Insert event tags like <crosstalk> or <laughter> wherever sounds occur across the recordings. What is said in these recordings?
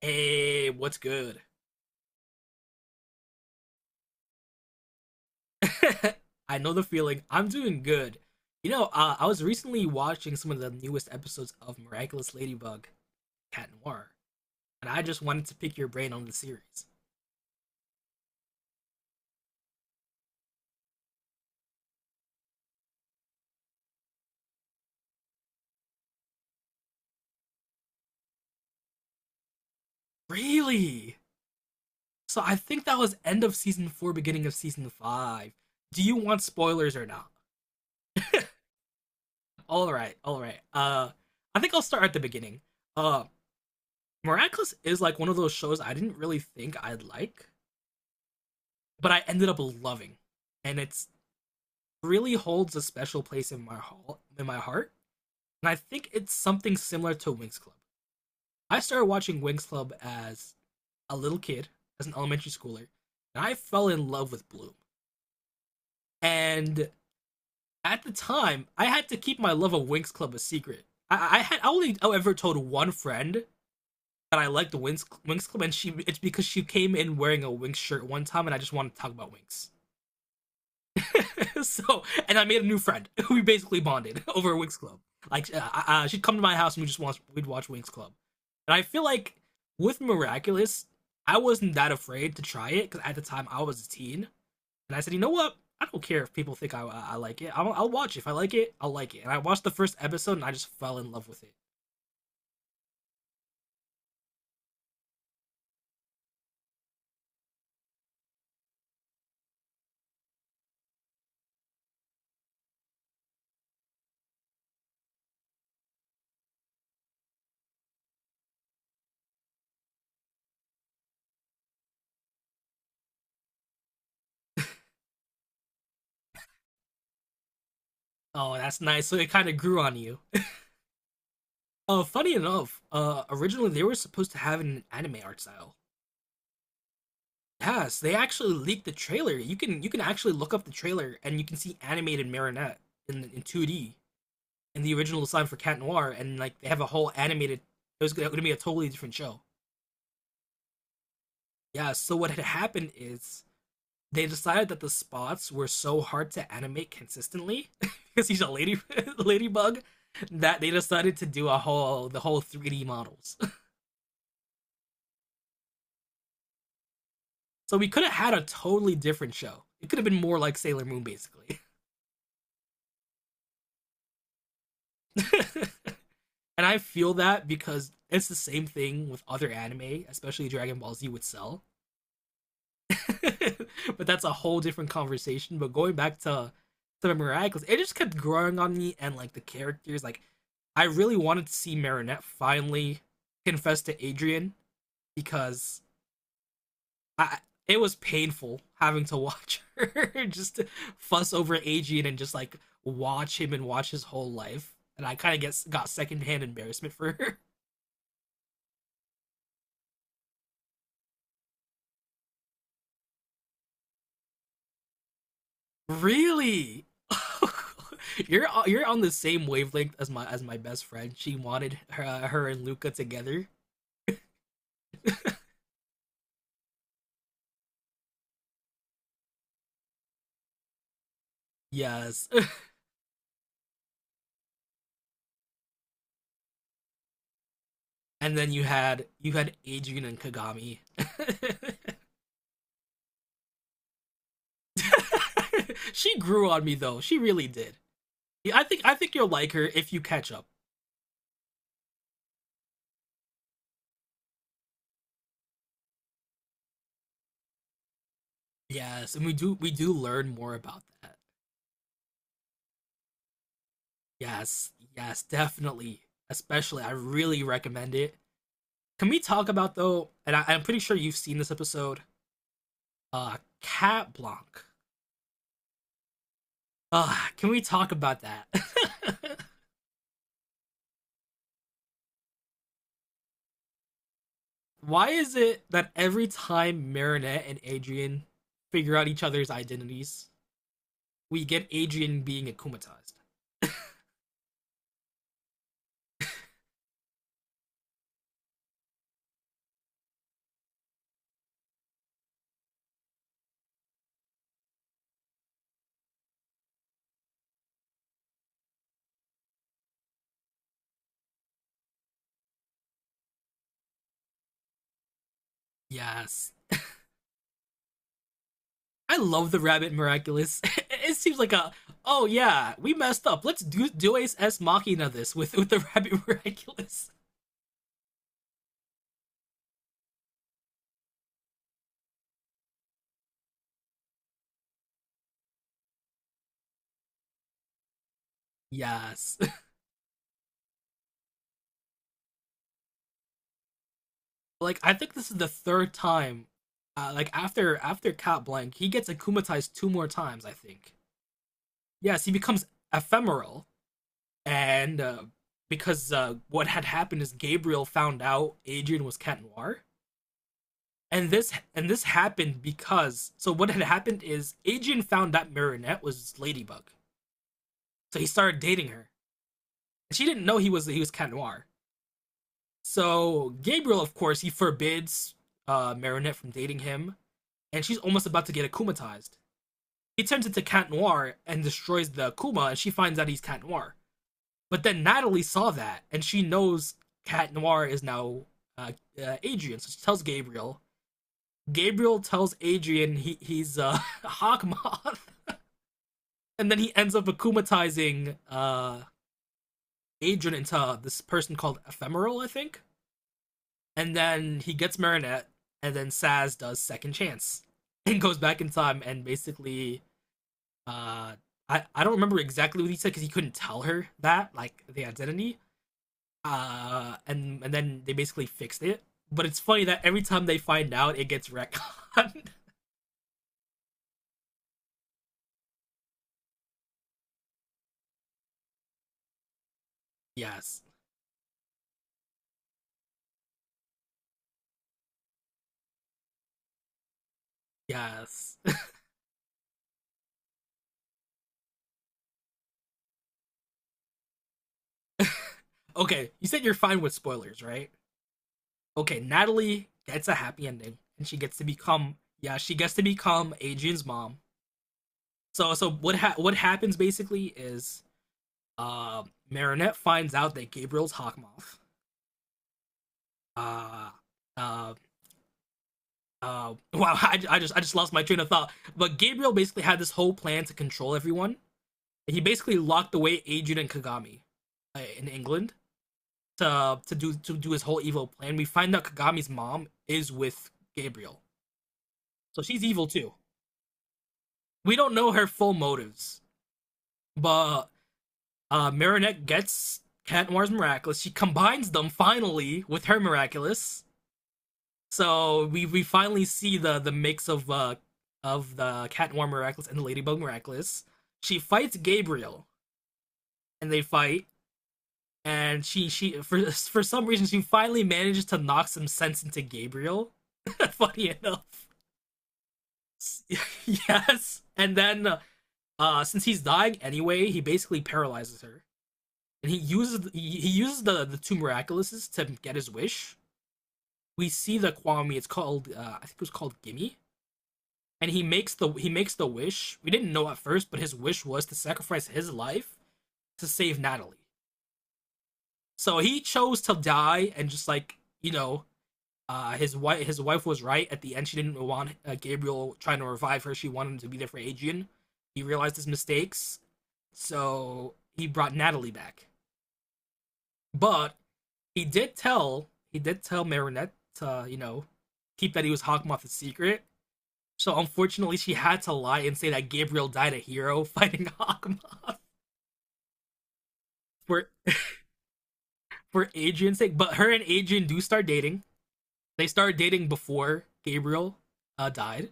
Hey, what's good? <laughs> I know the feeling. I'm doing good. I was recently watching some of the newest episodes of Miraculous Ladybug Cat Noir, and I just wanted to pick your brain on the series. Really? So I think that was end of season 4, beginning of season 5. Do you want spoilers or not? All right, all right. I think I'll start at the beginning. Uh, Miraculous is like one of those shows I didn't really think I'd like, but I ended up loving, and it's really holds a special place in my heart, and I think it's something similar to Wings Club. I started watching Wings Club as a little kid, as an elementary schooler, and I fell in love with Bloom. And at the time, I had to keep my love of Wings Club a secret. I only ever told one friend that I liked the Wings Club, and she it's because she came in wearing a Wings shirt one time, and I just wanted to talk about Wings. <laughs> And I made a new friend. <laughs> We basically bonded <laughs> over Winx Club. Like, she'd come to my house and we'd watch Winx Club. And I feel like with Miraculous, I wasn't that afraid to try it because at the time I was a teen, and I said, you know what? I don't care if people think I like it. I'll watch it if I like it. I'll like it. And I watched the first episode and I just fell in love with it. Oh, that's nice. So it kind of grew on you. <laughs> Funny enough, originally they were supposed to have an anime art style. Yes, they actually leaked the trailer. You can actually look up the trailer and you can see animated Marinette in 2D in the original design for Cat Noir, and like they have a whole animated. It was going to be a totally different show. Yeah. So what had happened is they decided that the spots were so hard to animate consistently <laughs> because he's a lady <laughs> ladybug that they decided to do a whole the whole 3D models. <laughs> So we could have had a totally different show. It could have been more like Sailor Moon, basically. <laughs> And I feel that because it's the same thing with other anime, especially Dragon Ball Z with Cell. <laughs> But that's a whole different conversation. But going back to Miracles, it just kept growing on me and like the characters. Like I really wanted to see Marinette finally confess to Adrian because I it was painful having to watch her <laughs> just fuss over Adrian and just like watch him and watch his whole life. And I kind of get got secondhand embarrassment for her. Really? <laughs> You're on the same wavelength as my best friend. She wanted her and Luca together. Yes. <laughs> And then you had Adrian and Kagami. <laughs> She grew on me though. She really did. Yeah, I think you'll like her if you catch up. Yes, and we do learn more about that. Yes, yes, definitely. Especially, I really recommend it. Can we talk about though? And I'm pretty sure you've seen this episode, Cat Blanc. Can we talk about that? <laughs> Why is it that every time Marinette and Adrian figure out each other's identities, we get Adrian being akumatized? Yes. I love the Rabbit Miraculous. <laughs> It seems like a, oh yeah, we messed up. Let's do Dues S Machina this with the <laughs> Rabbit Miraculous. Yes. <laughs> Like I think this is the third time, like after Cat Blanc, he gets akumatized two more times, I think. Yes, he becomes Ephemeral, and because what had happened is Gabriel found out Adrian was Cat Noir, and this happened because, so what had happened is Adrian found out Marinette was Ladybug, so he started dating her, and she didn't know he was Cat Noir. So Gabriel, of course, he forbids Marinette from dating him, and she's almost about to get akumatized. He turns into Cat Noir and destroys the Akuma, and she finds out he's Cat Noir. But then Natalie saw that, and she knows Cat Noir is now uh, Adrian, so she tells Gabriel. Gabriel tells Adrian he's <laughs> Hawkmoth, and then he ends up akumatizing Adrian into this person called Ephemeral, I think. And then he gets Marinette, and then Saz does Second Chance <laughs> and goes back in time and basically uh, I don't remember exactly what he said because he couldn't tell her that, like the identity. And then they basically fixed it. But it's funny that every time they find out, it gets retconned. <laughs> Yes, yes. <laughs> Okay, you said you're fine with spoilers, right? Okay, Natalie gets a happy ending, and she gets to become, yeah, she gets to become Adrian's mom. So what what happens basically is uh, Marinette finds out that Gabriel's Hawkmoth. Uh, uh, <laughs> wow, I just lost my train of thought. But Gabriel basically had this whole plan to control everyone. He basically locked away Ajun and Kagami in England to do his whole evil plan. We find out Kagami's mom is with Gabriel, so she's evil too. We don't know her full motives, but Marinette gets Cat Noir's miraculous. She combines them finally with her miraculous, so we finally see the mix of of the Cat Noir Miraculous and the Ladybug Miraculous. She fights Gabriel, and they fight. And she for some reason she finally manages to knock some sense into Gabriel. <laughs> Funny enough, <laughs> yes. And then since he's dying anyway, he basically paralyzes her, and he uses the two miraculouses to get his wish. We see the Kwame. It's called I think it was called Gimme, and he makes the wish. We didn't know at first, but his wish was to sacrifice his life to save Natalie. So he chose to die and just like you know his wife was right. At the end, she didn't want Gabriel trying to revive her. She wanted him to be there for Adrian. He realized his mistakes, so he brought Natalie back. But he did tell Marinette to keep that he was Hawkmoth a secret. So unfortunately, she had to lie and say that Gabriel died a hero <laughs> fighting Hawkmoth for for Adrian's sake. But her and Adrian do start dating. They started dating before Gabriel died.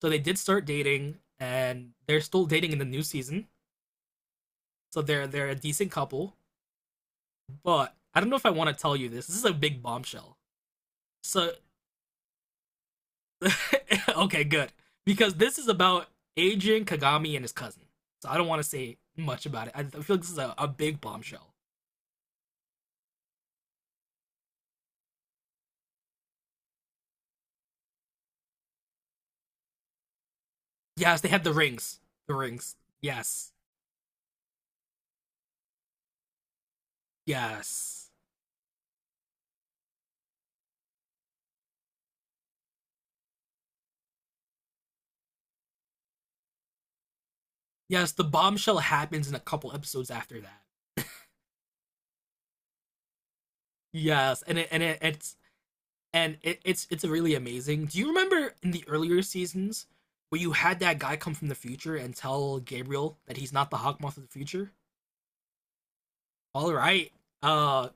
So they did start dating, and they're still dating in the new season. So they're a decent couple. But I don't know if I want to tell you this. This is a big bombshell. So <laughs> okay, good, because this is about Agent Kagami and his cousin. So I don't want to say much about it. I feel like this is a big bombshell. Yes, they had the rings. The rings. Yes. Yes. Yes, the bombshell happens in a couple episodes after that. Yes, and it, it's really amazing. Do you remember in the earlier seasons where you had that guy come from the future and tell Gabriel that he's not the Hawkmoth of the future? All right. Uh,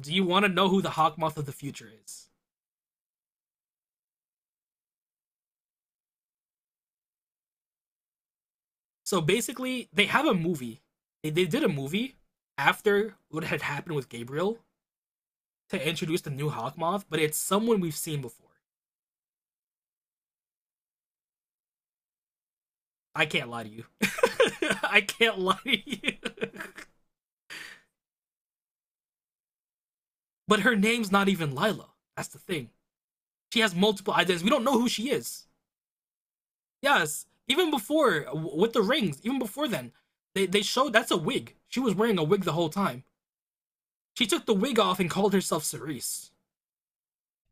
do you want to know who the Hawkmoth of the future is? So basically, they have a movie. They did a movie after what had happened with Gabriel to introduce the new Hawkmoth, but it's someone we've seen before. I can't lie to you. <laughs> I can't lie to you. <laughs> But her name's not even Lila. That's the thing. She has multiple identities. We don't know who she is. Yes, even before with the rings, even before then, they showed that's a wig. She was wearing a wig the whole time. She took the wig off and called herself Cerise.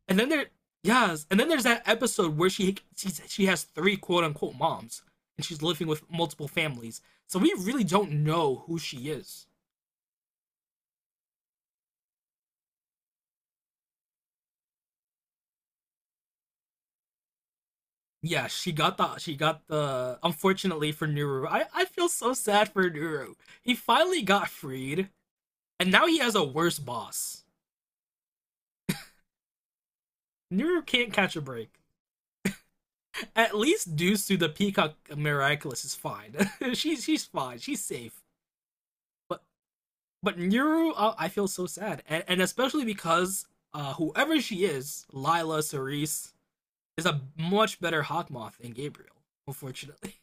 And then there, yes, and then there's that episode where she has three quote unquote moms, and she's living with multiple families. So we really don't know who she is. Yeah, she got the unfortunately for Nuru. I feel so sad for Nuru. He finally got freed, and now he has a worse boss. Nuru can't catch a break. At least Dusu the Peacock Miraculous is fine. <laughs> She's fine. She's safe. But but Nuru, I feel so sad, and especially because whoever she is, Lila Cerise, is a much better Hawkmoth than Gabriel. Unfortunately,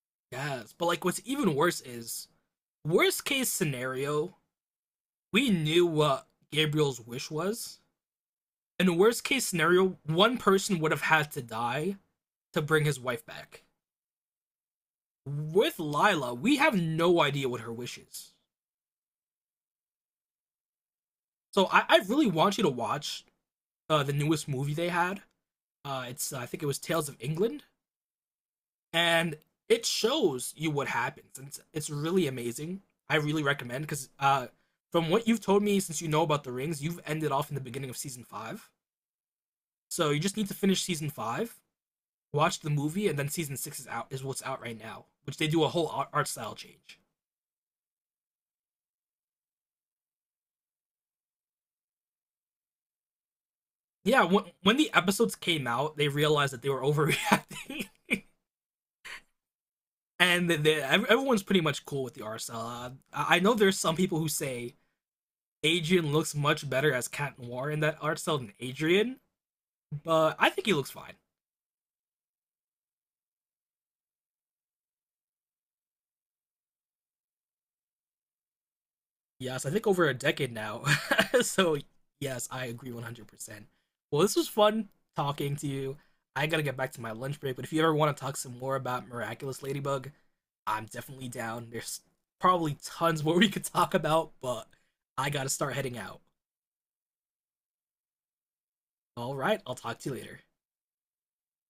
<laughs> yes. But like, what's even worse is worst case scenario, we knew what Gabriel's wish was. In worst case scenario, one person would have had to die to bring his wife back. With Lila, we have no idea what her wish is. So I really want you to watch the newest movie they had. It's I think it was Tales of England, and it shows you what happens. It's really amazing. I really recommend because from what you've told me since you know about the rings, you've ended off in the beginning of season 5. So you just need to finish season 5, watch the movie, and then season 6 is out is what's out right now, which they do a whole art style change. Yeah, when the episodes came out, they realized that they were overreacting, <laughs> and that everyone's pretty much cool with the RSL. I know there's some people who say Adrian looks much better as Cat Noir in that art style than Adrian, but I think he looks fine. Yes, I think over a decade now. <laughs> So, yes, I agree 100%. Well, this was fun talking to you. I gotta get back to my lunch break, but if you ever want to talk some more about Miraculous Ladybug, I'm definitely down. There's probably tons more <laughs> we could talk about, but I gotta start heading out. All right, I'll talk to you later.